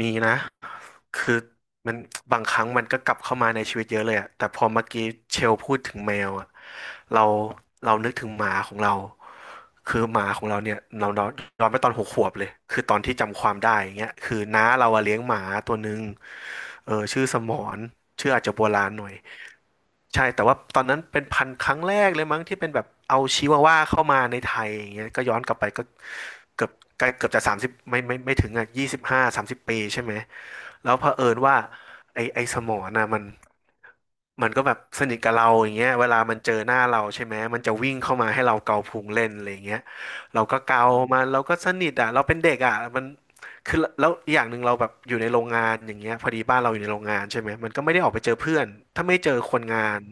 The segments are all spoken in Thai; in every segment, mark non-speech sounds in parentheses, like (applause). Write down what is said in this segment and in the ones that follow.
มีนะคือมันบางครั้งมันก็กลับเข้ามาในชีวิตเยอะเลยอะแต่พอเมื่อกี้เชลพูดถึงแมวอะเราเรานึกถึงหมาของเราคือหมาของเราเนี่ยเราย้อนไปตอน6 ขวบเลยคือตอนที่จำความได้อย่างเงี้ยคือน้าเราอะเลี้ยงหมาตัวหนึ่งเออชื่อสมอนชื่ออาจจะโบราณหน่อยใช่ แต่ว่าตอนนั้นเป็นพันธุ์ครั้งแรกเลยมั้งที่เป็นแบบเอาชิวาว่าเข้ามาในไทยอย่างเงี้ยก็ย้อนกลับไปก็เกือบใกล้เกือบจะสามสิบไม่ถึงอ่ะ25-30 ปีใช่ไหม แล้วเผอิญว่าไอสมอน่ะมันก็แบบสนิทกับเราอย่างเงี้ยเวลามันเจอหน้าเราใช่ไหมมันจะวิ่งเข้ามาให้เราเกาพุงเล่นอะไรอย่างเงี้ยเราก็เกามันเราก็สนิทอ่ะเราเป็นเด็กอ่ะมันคือแล้วอย่างหนึ่งเราแบบอยู่ในโรงงานอย่างเงี้ยพอดีบ้านเราอยู่ในโรงงานใช่ไหมมันก็ไม่ได้ออกไปเจอเพื่อนถ้าไม่เจอคนงาน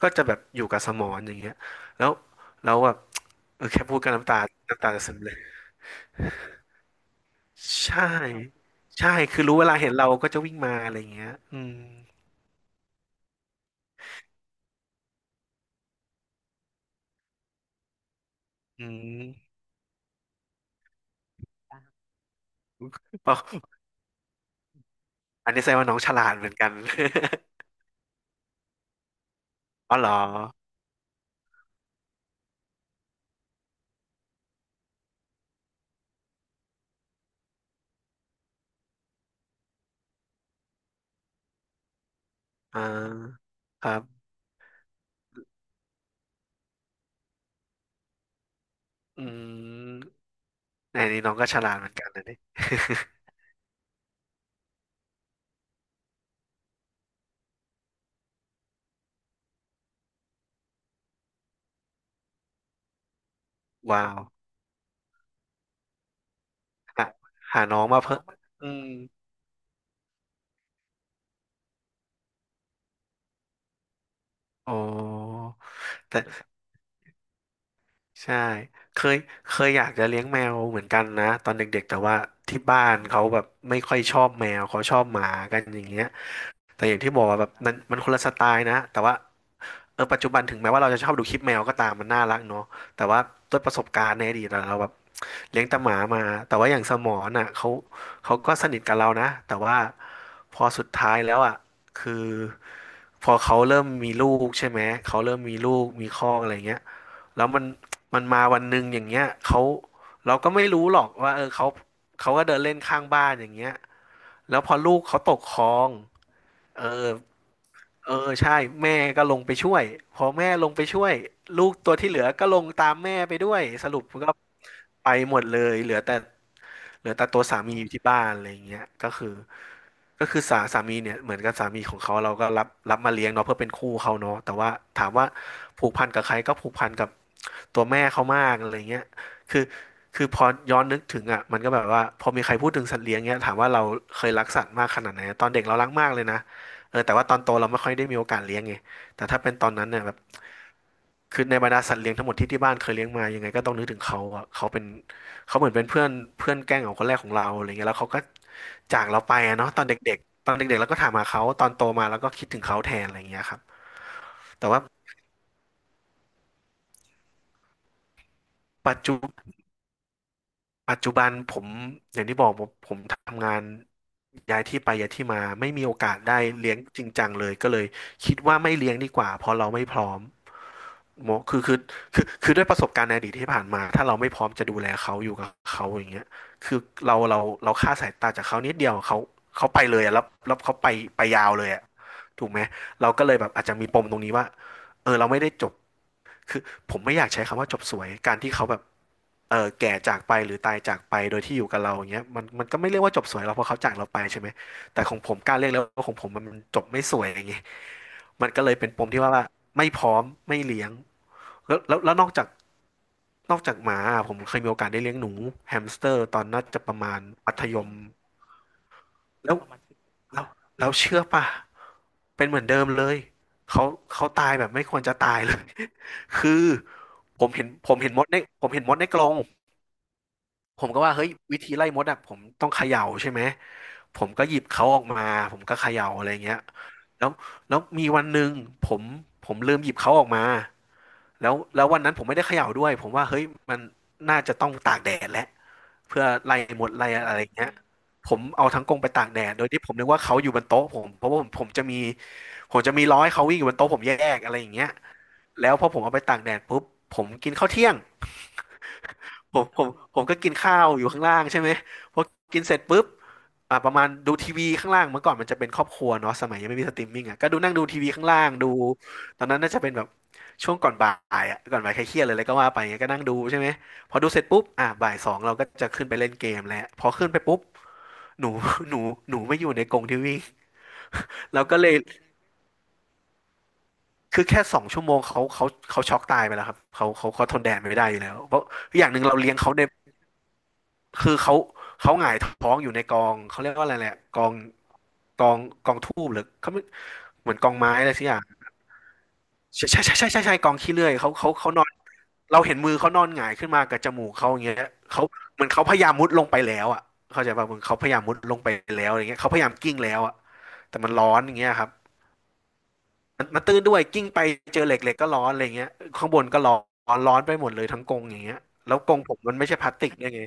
ก็จะแบบอยู่กับสมอนอย่างเงี้ยแล้วแล้วแบบเออแค่พูดก็น้ำตาจะซึมเลยใช่ใช่คือรู้เวลาเห็นเราก็จะวิ่งมาอะไรอย่างเงี้ยอืม อืมเปล่าอันนี้แสดงว่าน้องฉลาดเหมือนกัน (laughs) อ๋อเหรออ่าครับอืมในนี้น้องก็ฉลาดเหมือนกันนะเนี่ย (laughs) ว้าวหาน้องมาเพิ่มอืมโอ้แต่ใช่เคยเคยอยากจะเลี้ยงแมวเหมือนกันนะตอนเด็กๆแต่ว่าที่บ้านเขาแบบไม่ค่อยชอบแมวเขาชอบหมากันอย่างเงี้ย แต่อย่างที่บอกว่าแบบนั้นมันคนละสไตล์นะแต่ว่าเออปัจจุบันถึงแม้ว่าเราจะชอบดูคลิปแมวก็ตามมันน่ารักเนาะแต่ว่าด้วยประสบการณ์ในอดีตอะเราแบบเลี้ยงแต่หมามาแต่ว่าอย่างสมอน่ะเขาก็สนิทกับเรานะแต่ว่าพอสุดท้ายแล้วอ่ะคือพอเขาเริ่มมีลูกใช่ไหมเขาเริ่มมีลูกมีครอกอะไรเงี้ยแล้วมันมาวันหนึ่งอย่างเงี้ยเขาเราก็ไม่รู้หรอกว่าเออเขาก็เดินเล่นข้างบ้านอย่างเงี้ยแล้วพอลูกเขาตกคลองเออ เออใช่แม่ก็ลงไปช่วยพอแม่ลงไปช่วยลูกตัวที่เหลือก็ลงตามแม่ไปด้วยสรุปก็ไปหมดเลยเหลือแต่ตัวสามีอยู่ที่บ้านอะไรอย่างเงี้ยก็คือสามีเนี่ยเหมือนกับสามีของเขาเราก็รับมาเลี้ยงเนาะเพื่อเป็นคู่เขาเนาะแต่ว่าถามว่าผูกพันกับใครก็ผูกพันกับตัวแม่เขามากอะไรเงี้ยคือคือพอย้อนนึกถึงอ่ะมันก็แบบว่าพอมีใครพูดถึงสัตว์เลี้ยงเงี้ยถามว่าเราเคยรักสัตว์มากขนาดไหนตอนเด็กเรารักมากเลยนะ เออแต่ว่าตอนโตเราไม่ค่อยได้มีโอกาสเลี้ยงไงแต่ถ้าเป็นตอนนั้นเนี่ยแบบคือในบรรดาสัตว์เลี้ยงทั้งหมดที่ที่บ้านเคยเลี้ยงมายังไงก็ต้องนึกถึงเขาอะเขาเป็นเขาเหมือนเป็นเพื่อนเพื่อนแกล้งของคนแรกของเราอะไรเงี้ยแล้วเขาก็จากเราไปอะเนาะตอนเด็กๆตอนเด็กๆเราก็ถามหาเขาตอนโตมาเราก็คิดถึงเขาแทนอะไรเงี้ยครับแต่ว่าปัจจุ ปัจจุบันผมอย่างที่บอกผมทำงานย้ายที่ไปย้ายที่มาไม่มีโอกาสได้เลี้ยงจริงจังเลยก็เลยคิดว่าไม่เลี้ยงดีกว่าเพราะเราไม่พร้อมโมคือด้วยประสบการณ์ในอดีตที่ผ่านมาถ้าเราไม่พร้อมจะดูแลเขาอยู่กับเขาอย่างเงี้ยคือเราเราเราค่าดสายตาจากเขานิดเดียวเขาไปเลยอะแล้วเขาไปไปยาวเลยอะถูกไหมเราก็เลยแบบอาจจะมีปมตรงนี้ว่าเออเราไม่ได้จบคือผมไม่อยากใช้คำว่าจบสวยการที่เขาแบบ เออแก่จากไปหรือตายจากไปโดยที่อยู่กับเราอย่างเงี้ยมันก็ไม่เรียกว่าจบสวยเราเพราะเขาจากเราไปใช่ไหมแต่ของผมกล้าเรียกแล้วว่าของผมมันจบไม่สวยอย่างเงี้ยมันก็เลยเป็นปมที่ว่าไม่พร้อมไม่เลี้ยงแล้วนอกจากหมาอะผมเคยมีโอกาสได้เลี้ยงหนูแฮมสเตอร์ตอนน่าจะประมาณมัธยมแล้วแล้วแล้วเชื่อป่ะเป็นเหมือนเดิมเลยเขาเขาตายแบบไม่ควรจะตายเลย (laughs) คือผมเห็นผมเห็นมดในผมเห็นมดในกรง ผมก็ว่าเฮ้ยวิธีไล่มดอ่ะผมต้องเขย่าใช่ไหมผมก็หยิบเขาออกมาผมก็เขย่าอะไรเงี้ยแล้วแล้วมีวันหนึ่งผมผมลืมหยิบเขาออกมาแล้ววันนั้นผมไม่ได้เขย่าด้วยผมว่าเฮ้ยมันน่าจะต้องตากแดดแหละเพื่อไล่มดไล่อะไรเงี้ยผมเอาทั้งกรงไปตากแดดโดยที่ผมนึกว่าเขาอยู่บนโต๊ะผมเพราะว่าผมจะมีร้อยเขาวิ่งอยู่บนโต๊ะผมแยกอะไรอย่างเงี้ยแล้วพอผมเอาไปตากแดดปุ๊บผมกินข้าวเที่ยง ผมผมผมก็กินข้าวอยู่ข้างล่างใช่ไหมพอกินเสร็จปุ๊บอ่าประมาณดูทีวีข้างล่างเมื่อก่อนมันจะเป็นครอบครัวเนาะสมัยยังไม่มีสตรีมมิ่งอ่ะก็ดูนั่งดูทีวีข้างล่างดูตอนนั้นน่าจะเป็นแบบช่วงก่อนบ่ายอ่ะก่อนบ่ายใครเครียดเลยแล้วก็ว่าไปก็นั่งดูใช่ไหมพอดูเสร็จปุ๊บอ่าบ่ายสองเราก็จะขึ้นไปเล่นเกมแล้วพอขึ้นไปปุ๊บหนู (laughs) หนูหนูไม่อยู่ในกรงทีวีเราก็เลยคือแค่สองชั่วโมงเขาช็อกตายไปแล้วครับเขาทนแดดไม่ได้อยู่แล้วเพราะอย่างหนึ่งเราเลี้ยงเขาใน คือเขาหงายท้องอยู่ในกองเขาเรียกว่าอะไรแหละกองกองกองทูบหรือเขาไม่เหมือนกองไม้อะไรสักอย่างใช่ใช่ใช่ใช่ใช่ใช่กองขี้เลื่อยเขานอนเราเห็นมือเขานอนหงายขึ้นมากับจมูกเขาอย่างเงี้ยเขาเหมือนเขาพยายามมุดลงไปแล้วอ่ะเข้าใจป่ะเหมือนเขาพยายามมุดลงไปแล้วอย่างเงี้ยเขาพยายามกิ้งแล้วอ่ะแต่มันร้อนอย่างเงี้ยครับมันตื้นด้วยกิ้งไปเจอเหล็กเหล็กก็ร้อนอะไรเงี้ยข้างบนก็ร้อนร้อนไปหมดเลยทั้งกรงอย่างเงี้ยแล้วกรงผมมันไม่ใช่พลาสติกด้วยไง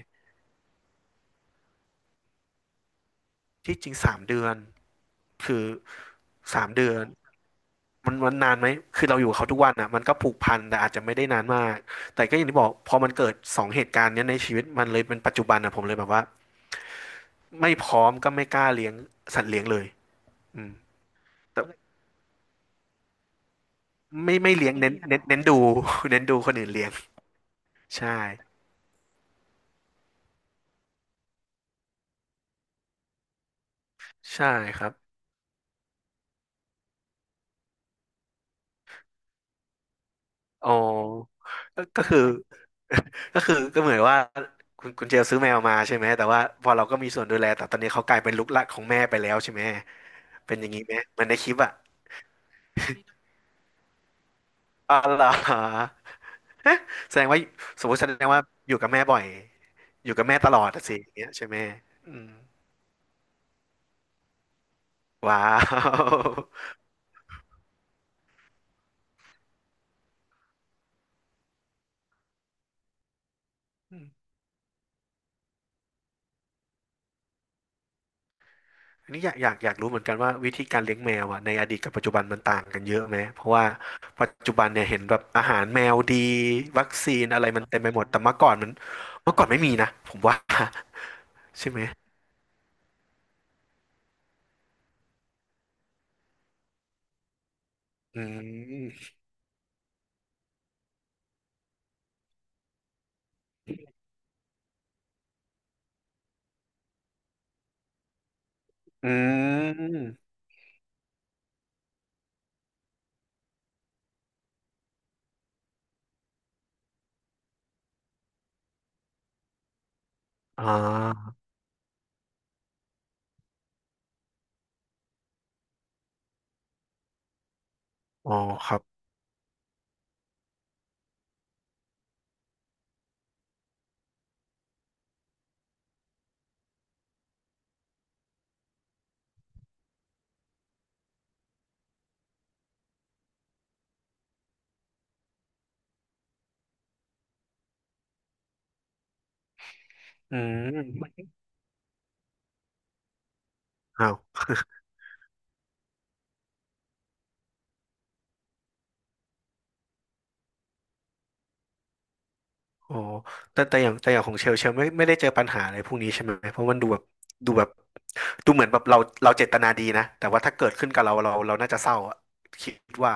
ที่จริงสามเดือน คือสามเดือนมันนานไหมคือเราอยู่กับเขาทุกวันอ่ะมันก็ผูกพันแต่อาจจะไม่ได้นานมากแต่ก็อย่างที่บอกพอมันเกิดสองเหตุการณ์เนี้ยในชีวิตมันเลยเป็นปัจจุบันอ่ะผมเลยแบบว่าไม่พร้อมก็ไม่กล้าเลี้ยงสัตว์เลี้ยงเลยอืมแต่ไม่เลี้ยงเน้นดเน้นเน้นดู (laughs) เน้นดูคนอื่นเลี้ยงใช่ใช่ครับอ๋อก็ก็คือก็คือก็เหมือนว่าคุณเจลซื้อแมวมาใช่ไหมแต่ว่าพอเราก็มีส่วนดูแลแต่ตอนนี้เขากลายเป็นลูกหลานของแม่ไปแล้วใช่ไหมเป็นอย่างนี้ไหมเหมันในคลิปอ่ะ อ๋อเหรอฮะ (laughs) แสดงว่าสมมติแสดงว่าอยู่กับแม่บ่อยอยู่กับแม่ตลอดอะสิอย่างเงี้ยใช่ไหมอืมว้าวอืมอันนี้อยากรู้เหมือนกันว่าวิธีการเลี้ยงแมวอะในอดีตกับปัจจุบันมันต่างกันเยอะไหมเพราะว่าปัจจุบันเนี่ยเห็นแบบอาหารแมวดีวัคซีนอะไรมันเต็มไปหมดแต่เมื่อก่อนไม่มีนะผมว่า (laughs) ใช่ไหมอืมอืมอ๋ออ๋อครับอืมอ้าว อ๋อแต่อย่างของเชลไม่ได้เจอปัญหาอะไรพวกนี้ใช่ไหมเพราะมันดูแบบดูแบบดูเหมือนแบบเราเราเจตนาดีนะแต่ว่าถ้าเกิดขึ้นกับเราน่าจะเศร้าอะคิดว่า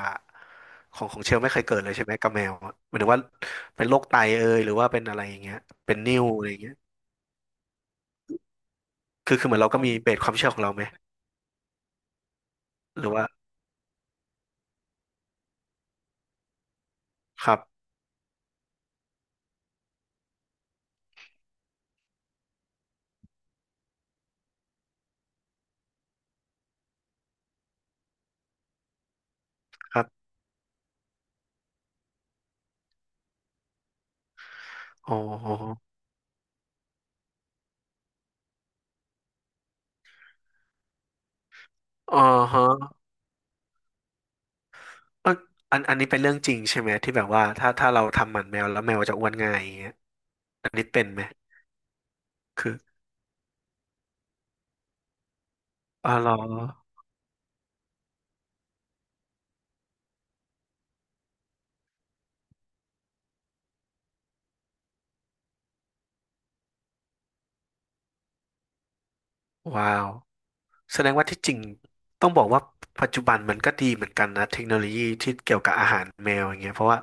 ของเชลไม่เคยเกิดเลยใช่ไหมกับแมวอะหมายถึงว่าเป็นโรคไตเอยหรือว่าเป็นอะไรอย่างเงี้ยเป็นนิ่วอะไรอย่างเงี้ยคือเหมือนเราก็มีเบสความเชื่อของเราไหมหรือว่าครับครับอ๋ออ๋อฮะเอยอันนี้เป็นเรื่องจริงใช่ไหมที่แบบว่าถ้าเราทำหมันแมวแล้วแมวจะอ้วนง่ายอย่างเงี้ยอันนี้เป็นไหมคือ อ๋อเหรอว้าวแสดงว่าที่จริงต้องบอกว่าปัจจุบันมันก็ดีเหมือนกันนะเทคโนโลยีที่เกี่ยวกับอาหารแมวอย่างเงี้ยเพราะว่า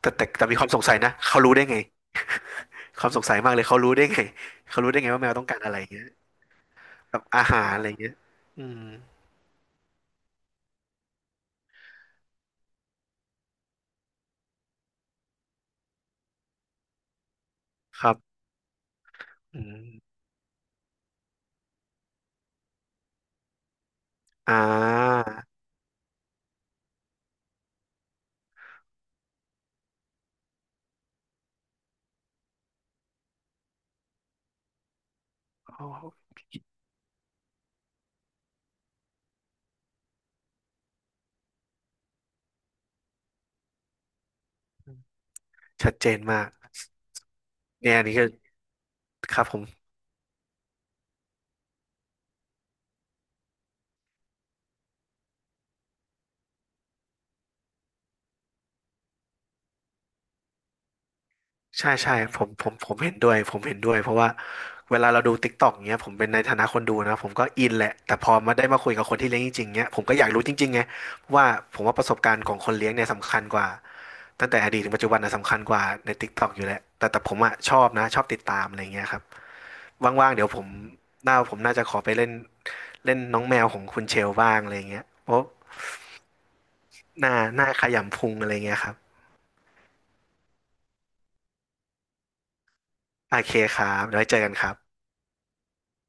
แต่มีความสงสัยนะเขารู้ได้ไงความสงสัยมากเลยเขารู้ได้ไง (laughs) เขารู้ได้ไงว่าแมวต้องการอะไรอย่างเงี้ยแบบอาหารอะไรอย่างเงี้ยอืมครับอืมอ่าโอ้ชัดเจนมากเนี่ยอันนี้ก็ครับผม ใช่ใช่ผมเห็นด้วยผมเห็นด้วยเพราะว่าเวลาเราดูติ๊กต็อกเงี้ยผมเป็นในฐานะคนดูนะผมก็อินแหละแต่พอมาได้มาคุยกับคนที่เลี้ยงจริงๆเงี้ยผมก็อยากรู้จริงๆไงว่าผมว่าประสบการณ์ของคนเลี้ยงเนี่ยสำคัญกว่าตั้งแต่อดีตถึงปัจจุบันนะสำคัญกว่าในติ๊กต็อกอยู่แหละแต่ผมอะชอบนะชอบติดตามอะไรเงี้ยครับว่างๆเดี๋ยวผมหน้าผมน่าจะขอไปเล่นเล่นน้องแมวของคุณเชลบ้างอะไรเงี้ยเพราะหน้าขยำพุงอะไรเงี้ยครับโอเคครับเดี๋ยวไว้เจอกันครับ